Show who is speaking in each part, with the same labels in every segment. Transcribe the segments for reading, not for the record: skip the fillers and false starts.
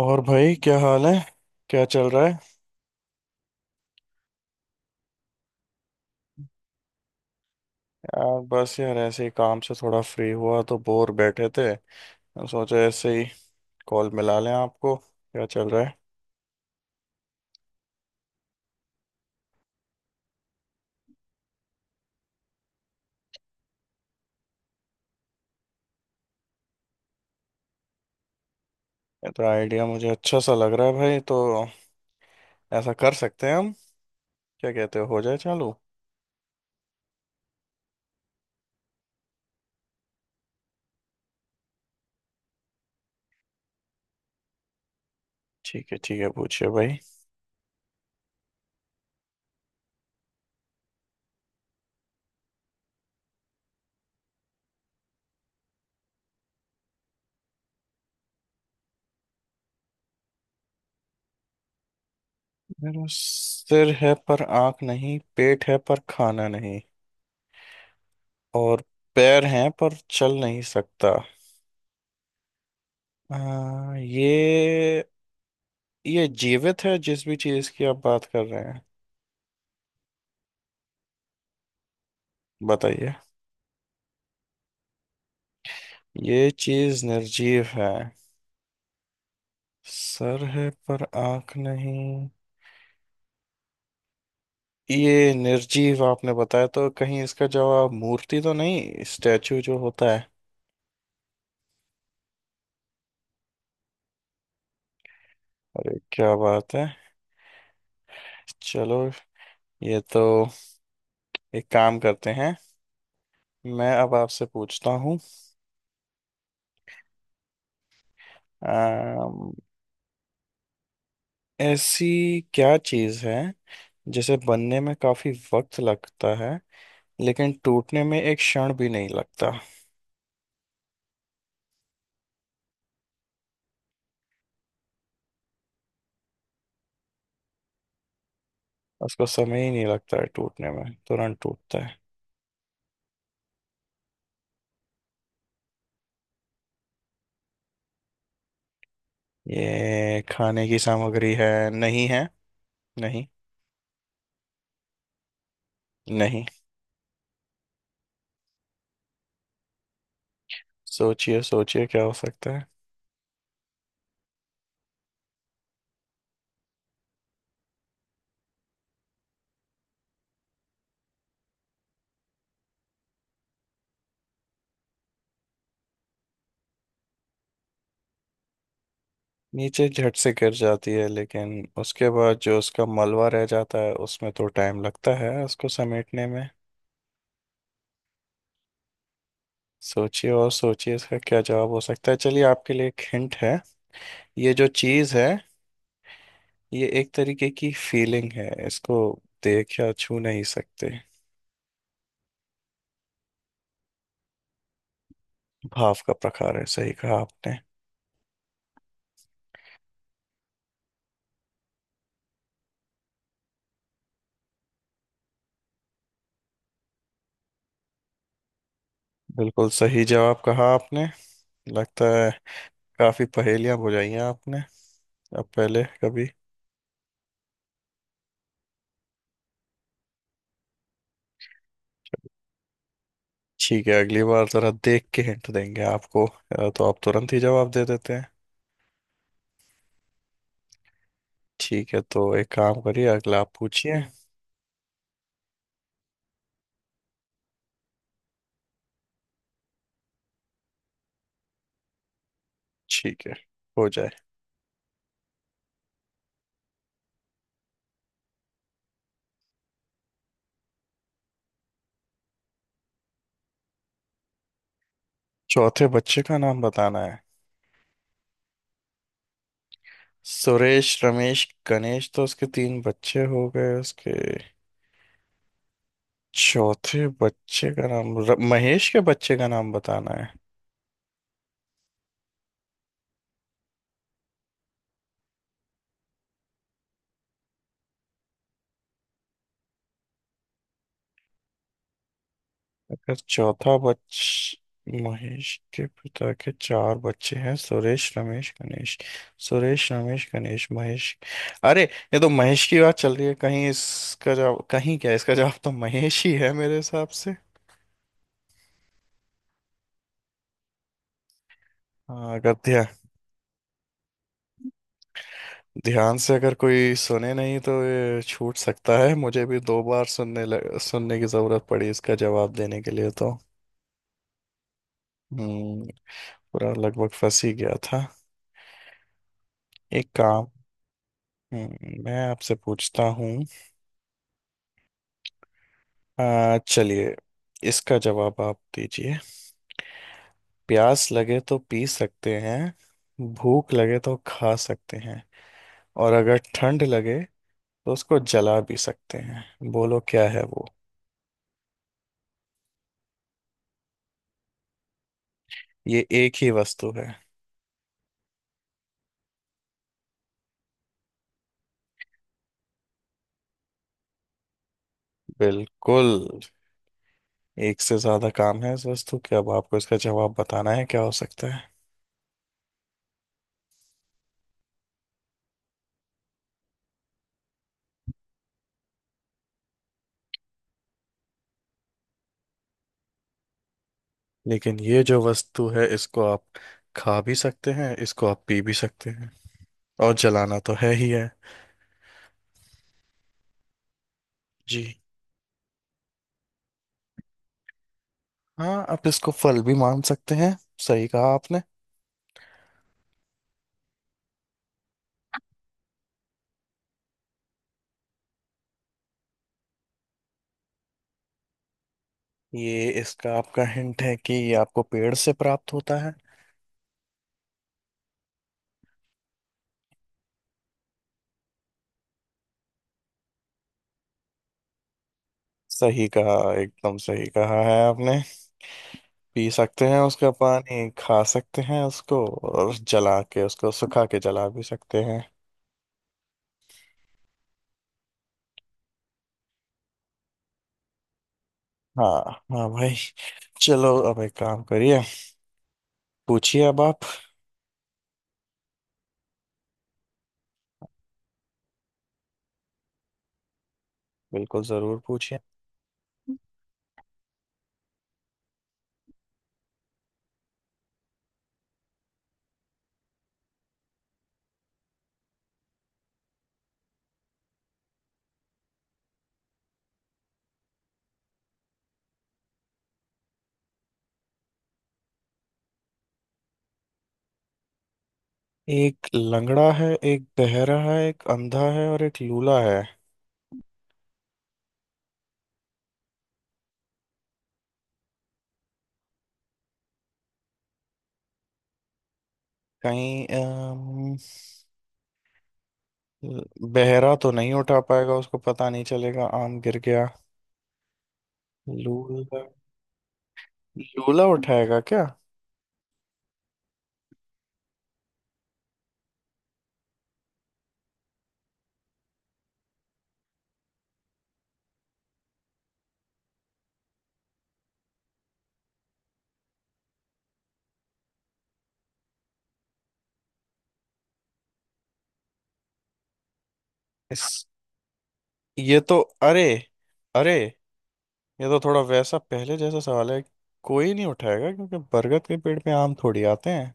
Speaker 1: और भाई क्या हाल है? क्या चल रहा है? यार बस यार, ऐसे ही काम से थोड़ा फ्री हुआ तो बोर बैठे थे, तो सोचा ऐसे ही कॉल मिला लें। आपको क्या चल रहा है? ये तो आइडिया मुझे अच्छा सा लग रहा है भाई। तो ऐसा कर सकते हैं हम, क्या कहते हो जाए चालू? ठीक है ठीक है, पूछिए भाई। मेरा सिर है पर आंख नहीं, पेट है पर खाना नहीं, और पैर हैं पर चल नहीं सकता। ये जीवित है जिस भी चीज की आप बात कर रहे हैं? बताइए। ये चीज निर्जीव है। सर है पर आंख नहीं। ये निर्जीव आपने बताया, तो कहीं इसका जवाब मूर्ति तो नहीं, स्टैचू जो होता है? अरे क्या बात है! चलो, ये तो एक काम करते हैं, मैं अब आपसे पूछता हूँ। अम, ऐसी क्या चीज है जिसे बनने में काफी वक्त लगता है लेकिन टूटने में एक क्षण भी नहीं लगता? उसको समय ही नहीं लगता है टूटने में, तुरंत टूटता है। ये खाने की सामग्री है? नहीं है। नहीं। नहीं। सोचिए सोचिए क्या हो सकता है। नीचे झट से गिर जाती है लेकिन उसके बाद जो उसका मलबा रह जाता है, उसमें तो टाइम लगता है उसको समेटने में। सोचिए और सोचिए इसका क्या जवाब हो सकता है। चलिए, आपके लिए एक हिंट है। ये जो चीज़ है, ये एक तरीके की फीलिंग है, इसको देख या छू नहीं सकते। भाव का प्रकार है, सही कहा आपने। बिल्कुल सही जवाब कहा आपने, लगता है। काफी पहेलियां बुझाई हैं आपने, अब पहले कभी। ठीक है, अगली बार जरा देख के हिंट देंगे आपको, तो आप तुरंत ही जवाब दे देते हैं। ठीक है, तो एक काम करिए, अगला आप पूछिए। ठीक है, हो जाए। चौथे बच्चे का नाम बताना है? सुरेश रमेश गणेश, तो उसके तीन बच्चे हो गए उसके। चौथे बच्चे का नाम महेश के बच्चे का नाम बताना है? अगर चौथा बच महेश के पिता के चार बच्चे हैं, सुरेश रमेश गणेश। सुरेश रमेश गणेश महेश। अरे, ये तो महेश की बात चल रही है। कहीं इसका जवाब, कहीं क्या इसका जवाब, तो महेश ही है मेरे हिसाब से। हाँ, अगर ध्यान से अगर कोई सुने नहीं तो ये छूट सकता है। मुझे भी दो बार सुनने की जरूरत पड़ी इसका जवाब देने के लिए तो। हम्म। पूरा लगभग फंस ही गया था। एक काम। मैं आपसे पूछता हूँ। चलिए, इसका जवाब आप दीजिए। प्यास लगे तो पी सकते हैं, भूख लगे तो खा सकते हैं, और अगर ठंड लगे तो उसको जला भी सकते हैं। बोलो क्या है वो? ये एक ही वस्तु है। बिल्कुल। एक से ज्यादा काम है इस वस्तु के, अब आपको इसका जवाब बताना है क्या हो सकता है। लेकिन ये जो वस्तु है, इसको आप खा भी सकते हैं, इसको आप पी भी सकते हैं, और जलाना तो है ही है। जी। हाँ, आप इसको फल भी मान सकते हैं। सही कहा आपने। ये इसका आपका हिंट है कि ये आपको पेड़ से प्राप्त होता है। सही कहा, एकदम सही कहा है आपने। पी सकते हैं उसका पानी, खा सकते हैं उसको, और जला के, उसको सुखा के जला भी सकते हैं। हाँ, हाँ भाई। चलो अब एक काम करिए, पूछिए अब आप। बिल्कुल, जरूर पूछिए। एक लंगड़ा है, एक बहरा है, एक अंधा है और एक लूला है। कहीं बहरा तो नहीं उठा पाएगा, उसको पता नहीं चलेगा आम गिर गया। लूला? लूला उठाएगा क्या? इस ये तो, अरे, अरे, ये तो थोड़ा वैसा पहले जैसा सवाल है। कोई नहीं उठाएगा क्योंकि बरगद के पेड़ पे आम थोड़ी आते हैं।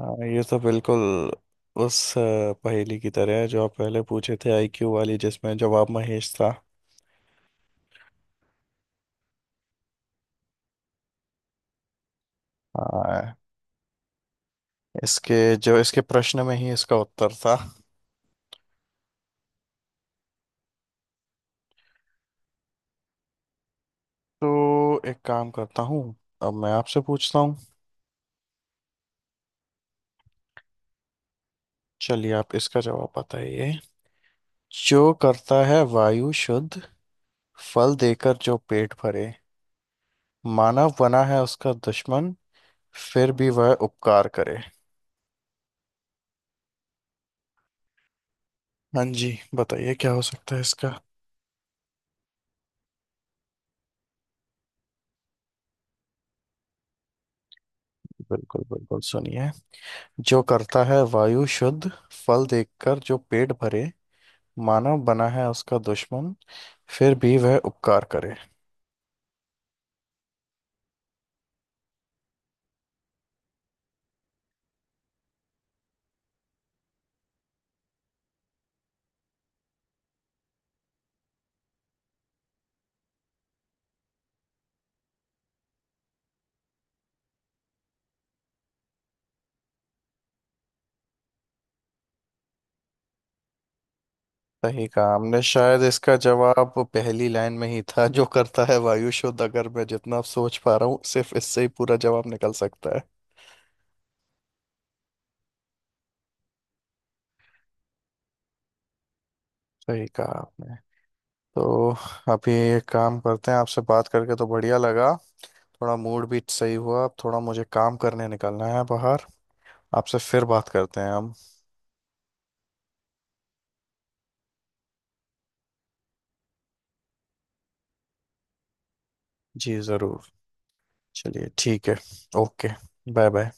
Speaker 1: हाँ, ये तो बिल्कुल उस पहेली की तरह है जो आप पहले पूछे थे, आईक्यू वाली, जिसमें जवाब महेश था। हाँ, इसके जो इसके प्रश्न में ही इसका उत्तर था। तो एक काम करता हूँ, अब मैं आपसे पूछता हूँ। चलिए, आप इसका जवाब बताइए। जो करता है वायु शुद्ध, फल देकर जो पेट भरे, मानव बना है उसका दुश्मन, फिर भी वह उपकार करे। हाँ जी, बताइए क्या हो सकता है इसका। बिल्कुल बिल्कुल, सुनिए। जो करता है वायु शुद्ध, फल देकर जो पेट भरे, मानव बना है उसका दुश्मन, फिर भी वह उपकार करे। सही कहा हमने, शायद इसका जवाब पहली लाइन में ही था, जो करता है वायु शुद्ध। अगर मैं जितना अब सोच पा रहा हूँ, सिर्फ इससे ही पूरा जवाब निकल सकता है। सही कहा आपने। तो अभी एक काम करते हैं, आपसे बात करके तो बढ़िया लगा, थोड़ा मूड भी सही हुआ। अब थोड़ा मुझे काम करने निकलना है बाहर, आपसे फिर बात करते हैं हम। जी ज़रूर। चलिए ठीक है। ओके। Bye bye.